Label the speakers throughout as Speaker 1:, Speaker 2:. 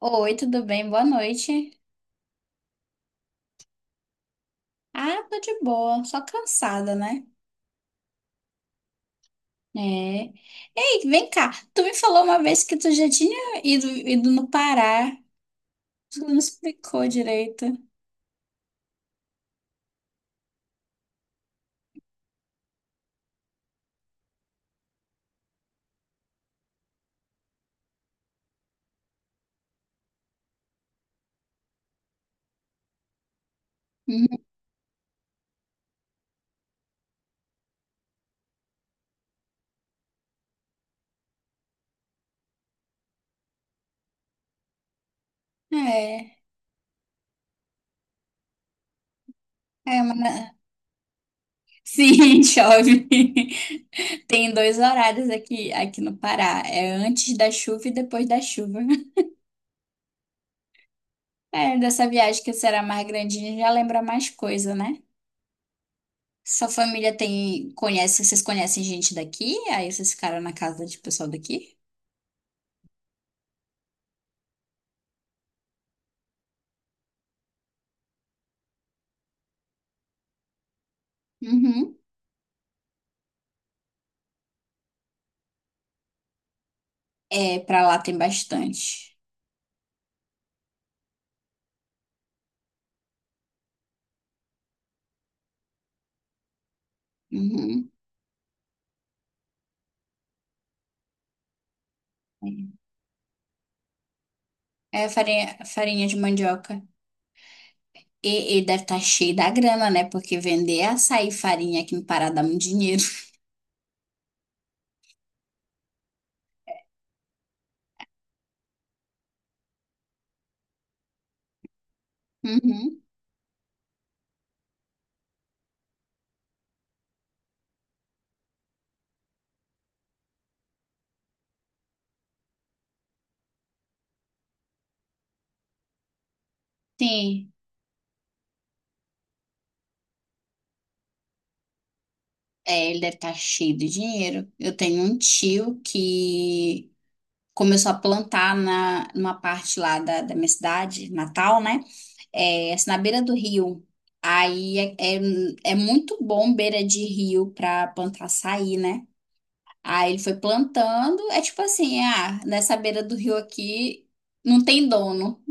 Speaker 1: Oi, tudo bem? Boa noite. Ah, tô de boa, só cansada, né? É. Ei, vem cá. Tu me falou uma vez que tu já tinha ido no Pará. Tu não explicou direito. Hum. É. É, mas... Sim, chove. Tem dois horários aqui no Pará. É antes da chuva e depois da chuva. É, dessa viagem que será mais grandinha, já lembra mais coisa, né? Sua família, vocês conhecem gente daqui? Aí vocês ficaram na casa de pessoal daqui? Uhum. É, pra lá tem bastante. Uhum. É é farinha de mandioca. E, ele deve estar cheio da grana, né? Porque vender é açaí e farinha aqui no Pará dá muito dinheiro. Uhum. Sim. É, ele deve estar cheio de dinheiro. Eu tenho um tio que começou a plantar numa parte lá da minha cidade, Natal, né? É, assim, na beira do rio. Aí é muito bom beira de rio pra plantar açaí, né? Aí ele foi plantando, é tipo assim, nessa beira do rio aqui não tem dono.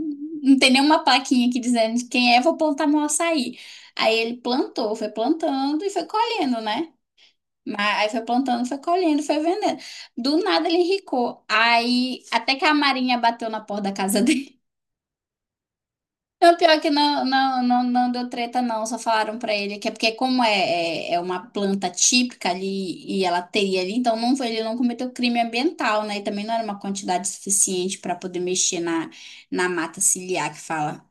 Speaker 1: Não tem nenhuma plaquinha aqui dizendo de quem é, vou plantar meu açaí. Aí ele plantou, foi plantando e foi colhendo, né? Mas aí foi plantando, foi colhendo, foi vendendo. Do nada ele enricou. Aí até que a Marinha bateu na porta da casa dele. Não, pior que não, não, não, não deu treta, não. Só falaram pra ele que é porque, como é uma planta típica ali e ela teria ali, então não, ele não cometeu crime ambiental, né? E também não era uma quantidade suficiente pra poder mexer na mata ciliar que fala.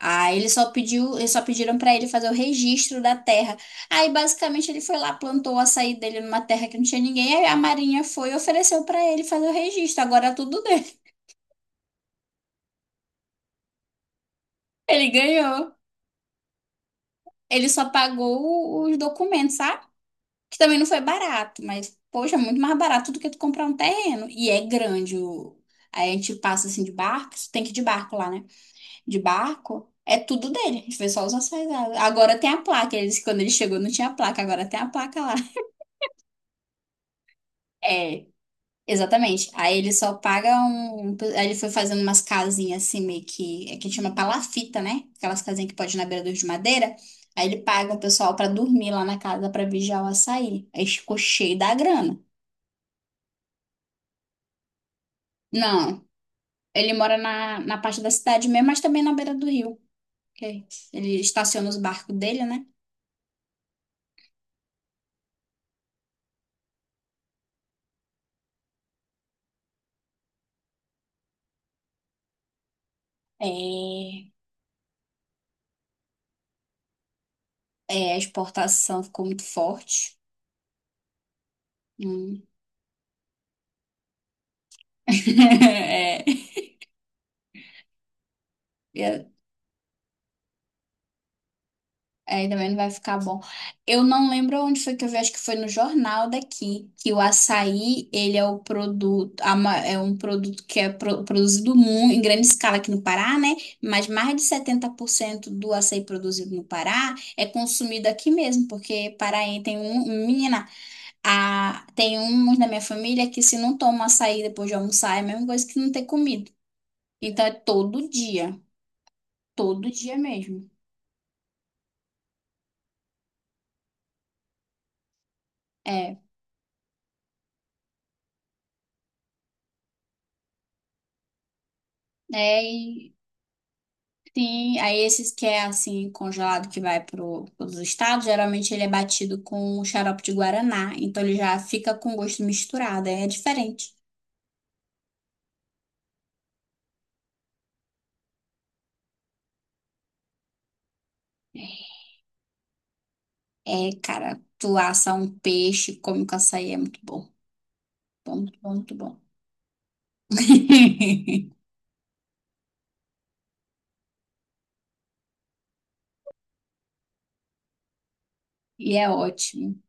Speaker 1: Aí eles só pediram pra ele fazer o registro da terra. Aí basicamente ele foi lá, plantou o açaí dele numa terra que não tinha ninguém, aí a Marinha foi e ofereceu pra ele fazer o registro. Agora é tudo dele. Ele ganhou. Ele só pagou os documentos, sabe? Que também não foi barato, mas, poxa, é muito mais barato do que tu comprar um terreno. E é grande. Aí a gente passa assim de barco, tem que ir de barco lá, né? De barco, é tudo dele. A gente vê só os acessórios. Agora tem a placa. Eles, quando ele chegou, não tinha placa, agora tem a placa lá. É, exatamente. Aí ele só paga aí ele foi fazendo umas casinhas assim, meio que. É que chama palafita, né? Aquelas casinhas que pode ir na beira do rio de madeira. Aí ele paga o pessoal pra dormir lá na casa pra vigiar o açaí. Aí ficou cheio da grana. Não. Ele mora na parte da cidade mesmo, mas também na beira do rio. Que Ele estaciona os barcos dele, né? É, a exportação ficou muito forte. Hum. É. É, também não vai ficar bom. Eu não lembro onde foi que eu vi, acho que foi no jornal daqui, que o açaí, ele é o produto, é um produto que é produzido em grande escala aqui no Pará, né? Mas mais de 70% do açaí produzido no Pará é consumido aqui mesmo, porque Paraí menina, tem uns da minha família que se não toma açaí depois de almoçar, é a mesma coisa que não ter comido. Então é todo dia mesmo. É. É, sim, aí esses que é assim, congelado, que vai para os estados, geralmente ele é batido com um xarope de guaraná. Então ele já fica com gosto misturado, é diferente. É, cara, tu assa um peixe, come com açaí, é muito bom. Bom, muito bom, muito bom. E é ótimo.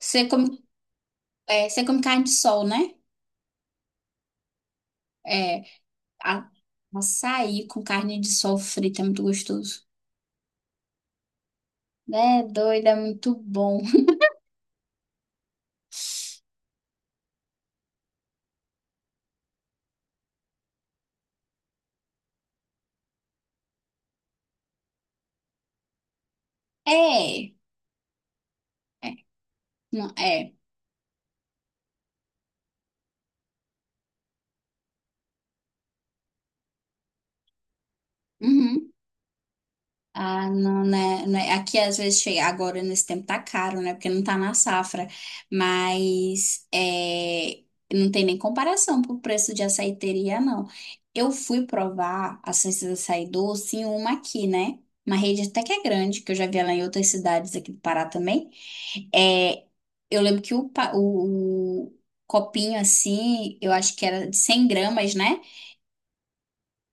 Speaker 1: Você come, você come carne de sol, né? É, a, açaí com carne de sol frita é muito gostoso. É doido, é muito bom. É, é, não, é. Uhum. Ah, não, né? não é- Aqui às vezes chega, agora nesse tempo tá caro, né? Porque não tá na safra, mas não tem nem comparação pro preço de açaiteria, não. Eu fui provar a ciência do açaí doce em uma aqui, né? Uma rede até que é grande, que eu já vi ela em outras cidades aqui do Pará também. É, eu lembro que o copinho assim, eu acho que era de 100 gramas, né?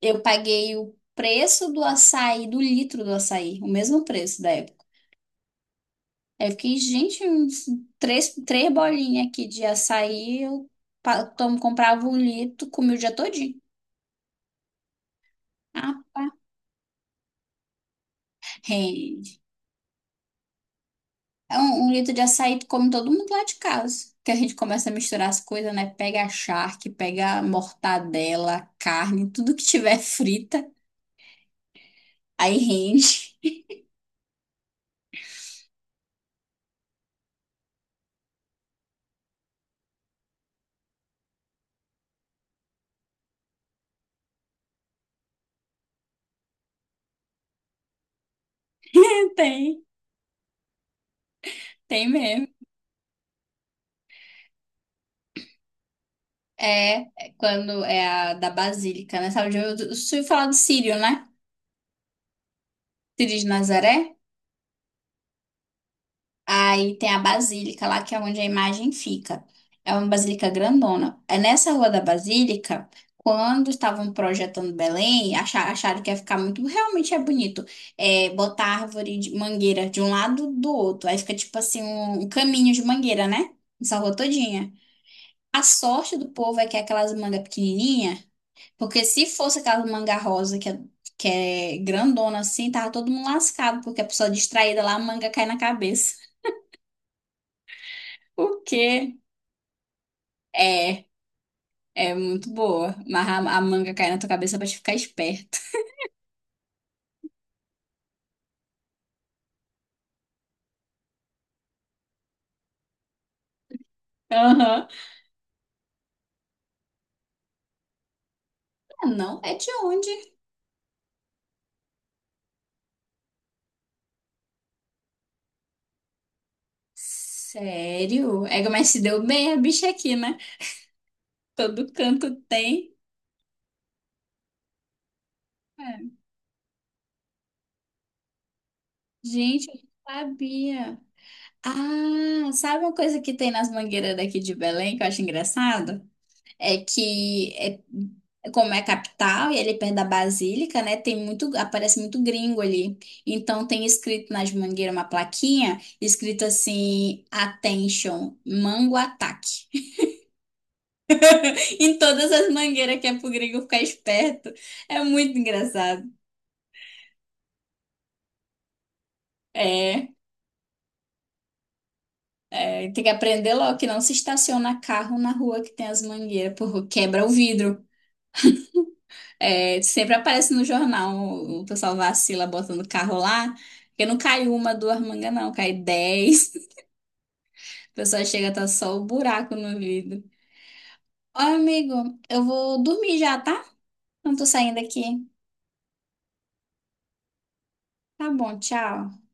Speaker 1: Eu paguei o preço do açaí, do litro do açaí, o mesmo preço da época. Aí eu fiquei, gente, uns três bolinhas aqui de açaí, eu comprava um litro, comia o dia todinho. Ah, pá. Rende. É. Um litro de açaí tu come todo mundo lá de casa. Que a gente começa a misturar as coisas, né? Pega a charque, pega a mortadela, carne, tudo que tiver frita, aí rende. Tem, tem mesmo. É, é, quando é a da Basílica, né? Sabe, eu falar do Sírio, né? Sírio de Nazaré. Aí tem a Basílica lá, que é onde a imagem fica. É uma basílica grandona. É nessa rua da Basílica, quando estavam projetando Belém, acharam que ia ficar muito. Realmente é bonito. É, botar árvore de mangueira de um lado do outro. Aí fica tipo assim, um caminho de mangueira, né? Essa rua todinha. A sorte do povo é que é aquelas mangas pequenininhas, porque se fosse aquela manga rosa que é grandona assim, tava todo mundo lascado, porque a pessoa distraída lá, a manga cai na cabeça. O quê? É, é muito boa. Amarrar a manga cai na tua cabeça pra te ficar esperto. Aham. Ah, não é de onde? Sério? É, mas se deu bem a bicha aqui, né? Todo canto tem. É. Gente, eu não sabia. Ah, sabe uma coisa que tem nas mangueiras daqui de Belém que eu acho engraçado? é que é- É como é a capital e ele perto da Basílica, né, aparece muito gringo ali. Então tem escrito nas mangueiras uma plaquinha escrito assim, Attention, Mango Ataque. Em todas as mangueiras que é pro gringo ficar esperto. É muito engraçado. É, tem que aprender logo que não se estaciona carro na rua que tem as mangueiras, porque quebra o vidro. É, sempre aparece no jornal, o pessoal vacila botando carro lá, porque não cai uma, duas mangas, não, cai 10. O pessoal chega, tá só o buraco no vidro. Ó, amigo, eu vou dormir já, tá? Não tô saindo aqui. Tá bom, tchau.